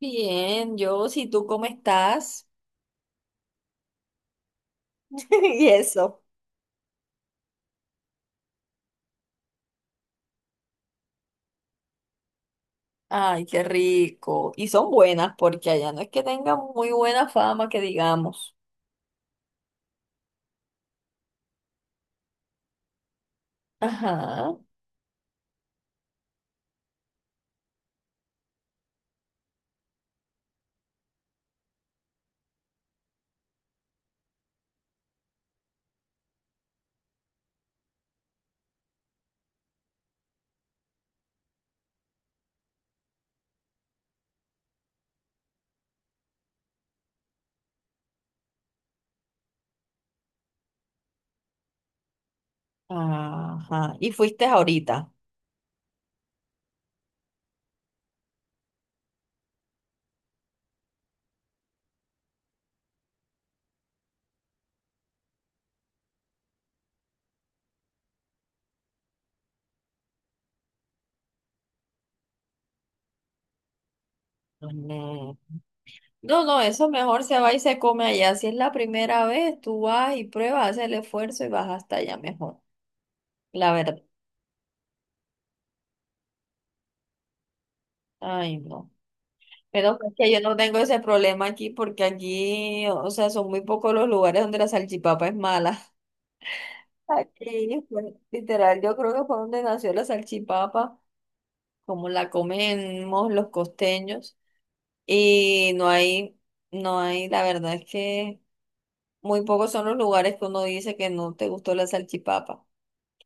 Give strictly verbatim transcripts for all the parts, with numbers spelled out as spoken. Bien, yo, si tú ¿cómo estás? Y eso. Ay, qué rico. Y son buenas porque allá no es que tengan muy buena fama, que digamos. Ajá, ajá. Y fuiste ahorita. Mm. No, no, eso mejor se va y se come allá. Si es la primera vez, tú vas y pruebas, haces el esfuerzo y vas hasta allá mejor. La verdad. Ay, no. Pero es que yo no tengo ese problema aquí porque aquí, o sea, son muy pocos los lugares donde la salchipapa es mala. Aquí, pues, literal, yo creo que fue donde nació la salchipapa, como la comemos los costeños. Y no hay, no hay, la verdad es que muy pocos son los lugares que uno dice que no te gustó la salchipapa.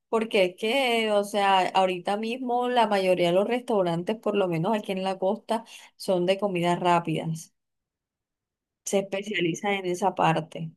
Porque es que, o sea, ahorita mismo la mayoría de los restaurantes, por lo menos aquí en la costa, son de comidas rápidas. Se especializan en esa parte.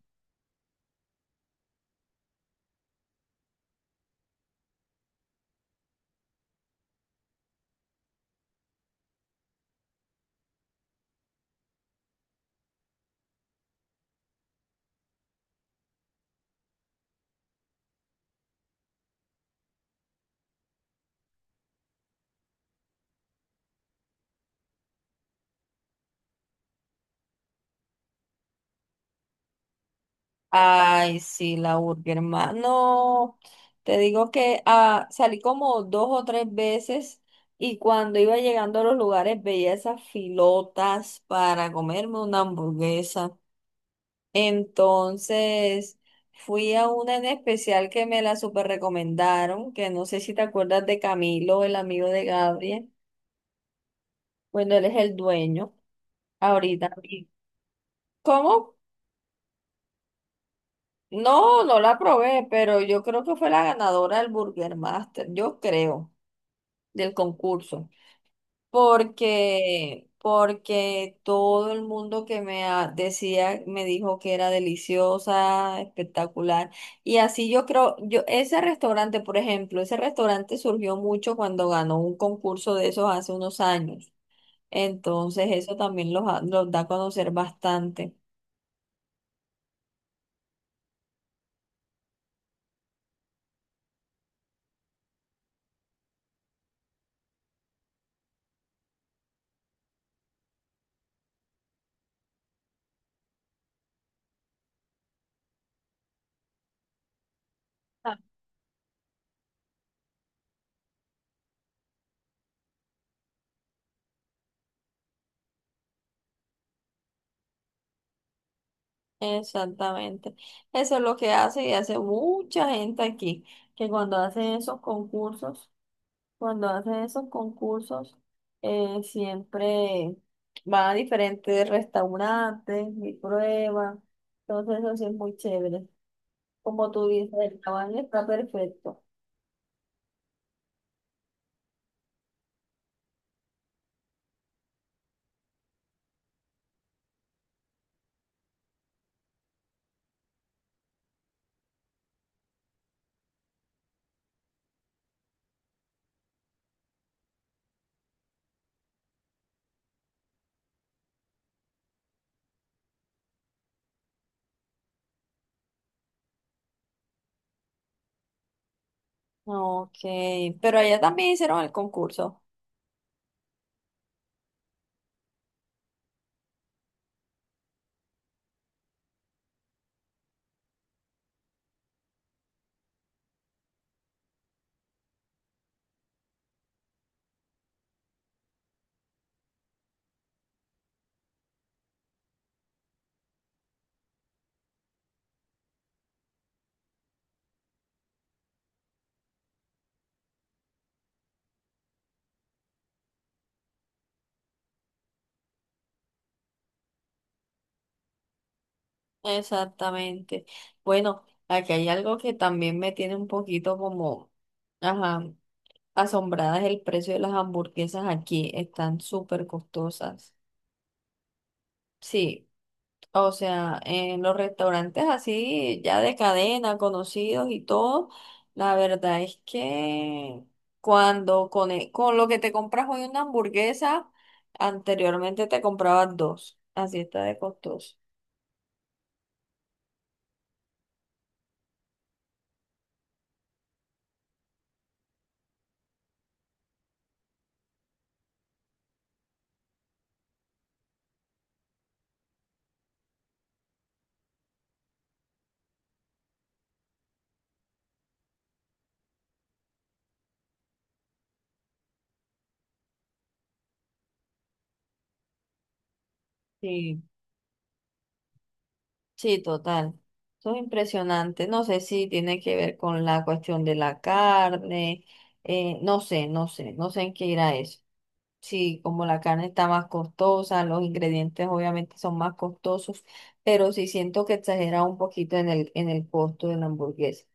Ay, sí, la burger, hermano. Te digo que ah, salí como dos o tres veces y cuando iba llegando a los lugares veía esas filotas para comerme una hamburguesa. Entonces fui a una en especial que me la super recomendaron, que no sé si te acuerdas de Camilo, el amigo de Gabriel. Bueno, él es el dueño ahorita. ¿Cómo? No, no la probé, pero yo creo que fue la ganadora del Burger Master, yo creo, del concurso, porque porque todo el mundo que me ha- decía me dijo que era deliciosa, espectacular, y así yo creo, yo ese restaurante, por ejemplo, ese restaurante surgió mucho cuando ganó un concurso de esos hace unos años. Entonces eso también los, ha- los da a conocer bastante. Exactamente. Eso es lo que hace y hace mucha gente aquí, que cuando hacen esos concursos, cuando hacen esos concursos, eh, siempre van a diferentes restaurantes y prueban. Entonces eso sí es muy chévere. Como tú dices, el tamaño está perfecto. Ok, pero allá también hicieron el concurso. Exactamente. Bueno, aquí hay algo que también me tiene un poquito como... Ajá. Asombradas el precio de las hamburguesas aquí, están súper costosas. Sí, o sea, en los restaurantes así, ya de cadena, conocidos y todo, la verdad es que cuando con, e- con lo que te compras hoy una hamburguesa, anteriormente te comprabas dos, así está de costoso. Sí, sí, total. Eso es impresionante. No sé si tiene que ver con la cuestión de la carne. Eh, no sé, no sé, no sé en qué irá eso. Sí, como la carne está más costosa, los ingredientes obviamente son más costosos, pero sí siento que exagera un poquito en el, en el costo de la hamburguesa.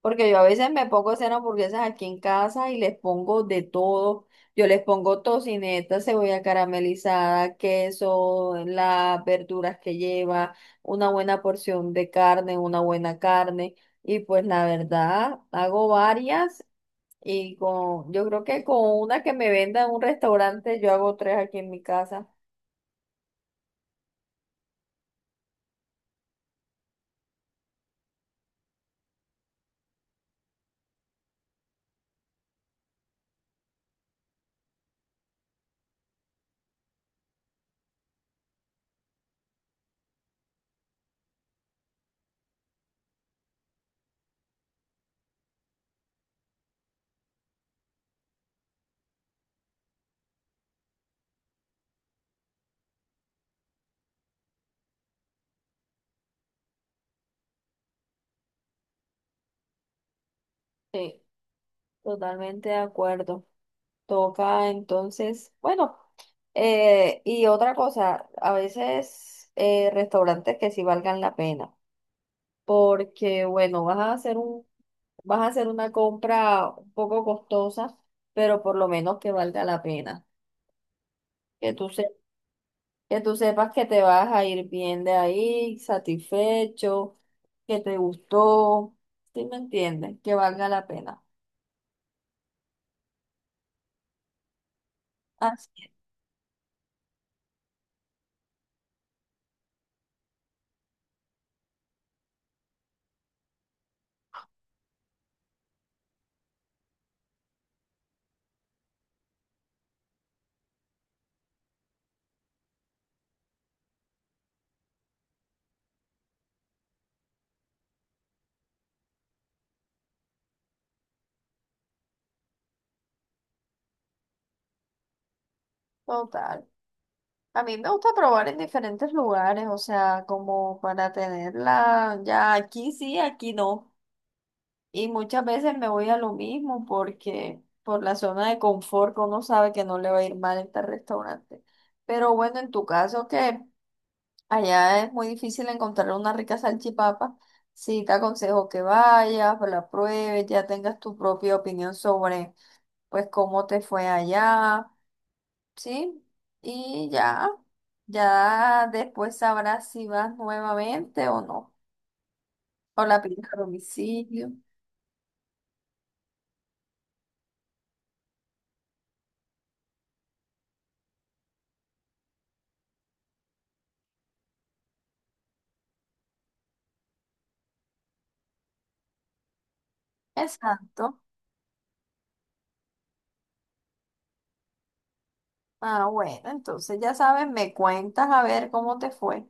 Porque yo a veces me pongo a hacer hamburguesas aquí en casa y les pongo de todo. Yo les pongo tocineta, cebolla caramelizada, queso, las verduras que lleva, una buena porción de carne, una buena carne. Y pues la verdad, hago varias y con, yo creo que con una que me venda en un restaurante, yo hago tres aquí en mi casa. Sí, totalmente de acuerdo. Toca entonces, bueno, eh, y otra cosa, a veces eh, restaurantes que sí valgan la pena, porque bueno, vas a hacer un, vas a hacer una compra un poco costosa, pero por lo menos que valga la pena. Que tú que tú sepas que te vas a ir bien de ahí, satisfecho, que te gustó, ¿sí me entiendes? Que valga la pena. Así es, total. A mí me gusta probar en diferentes lugares, o sea, como para tenerla ya aquí sí, aquí no. Y muchas veces me voy a lo mismo porque por la zona de confort que uno sabe que no le va a ir mal en este restaurante. Pero bueno, en tu caso, ¿qué? Allá es muy difícil encontrar una rica salchipapa. Sí, te aconsejo que vayas, la pruebes, ya tengas tu propia opinión sobre, pues, cómo te fue allá, ¿sí? Y ya, ya después sabrás si vas nuevamente o no, o la pides a domicilio. Exacto. Ah, bueno, entonces ya sabes, me cuentas a ver cómo te fue.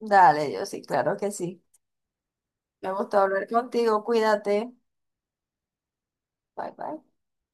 Dale, yo sí, claro que sí. Me gustó hablar contigo, cuídate. Bye, bye.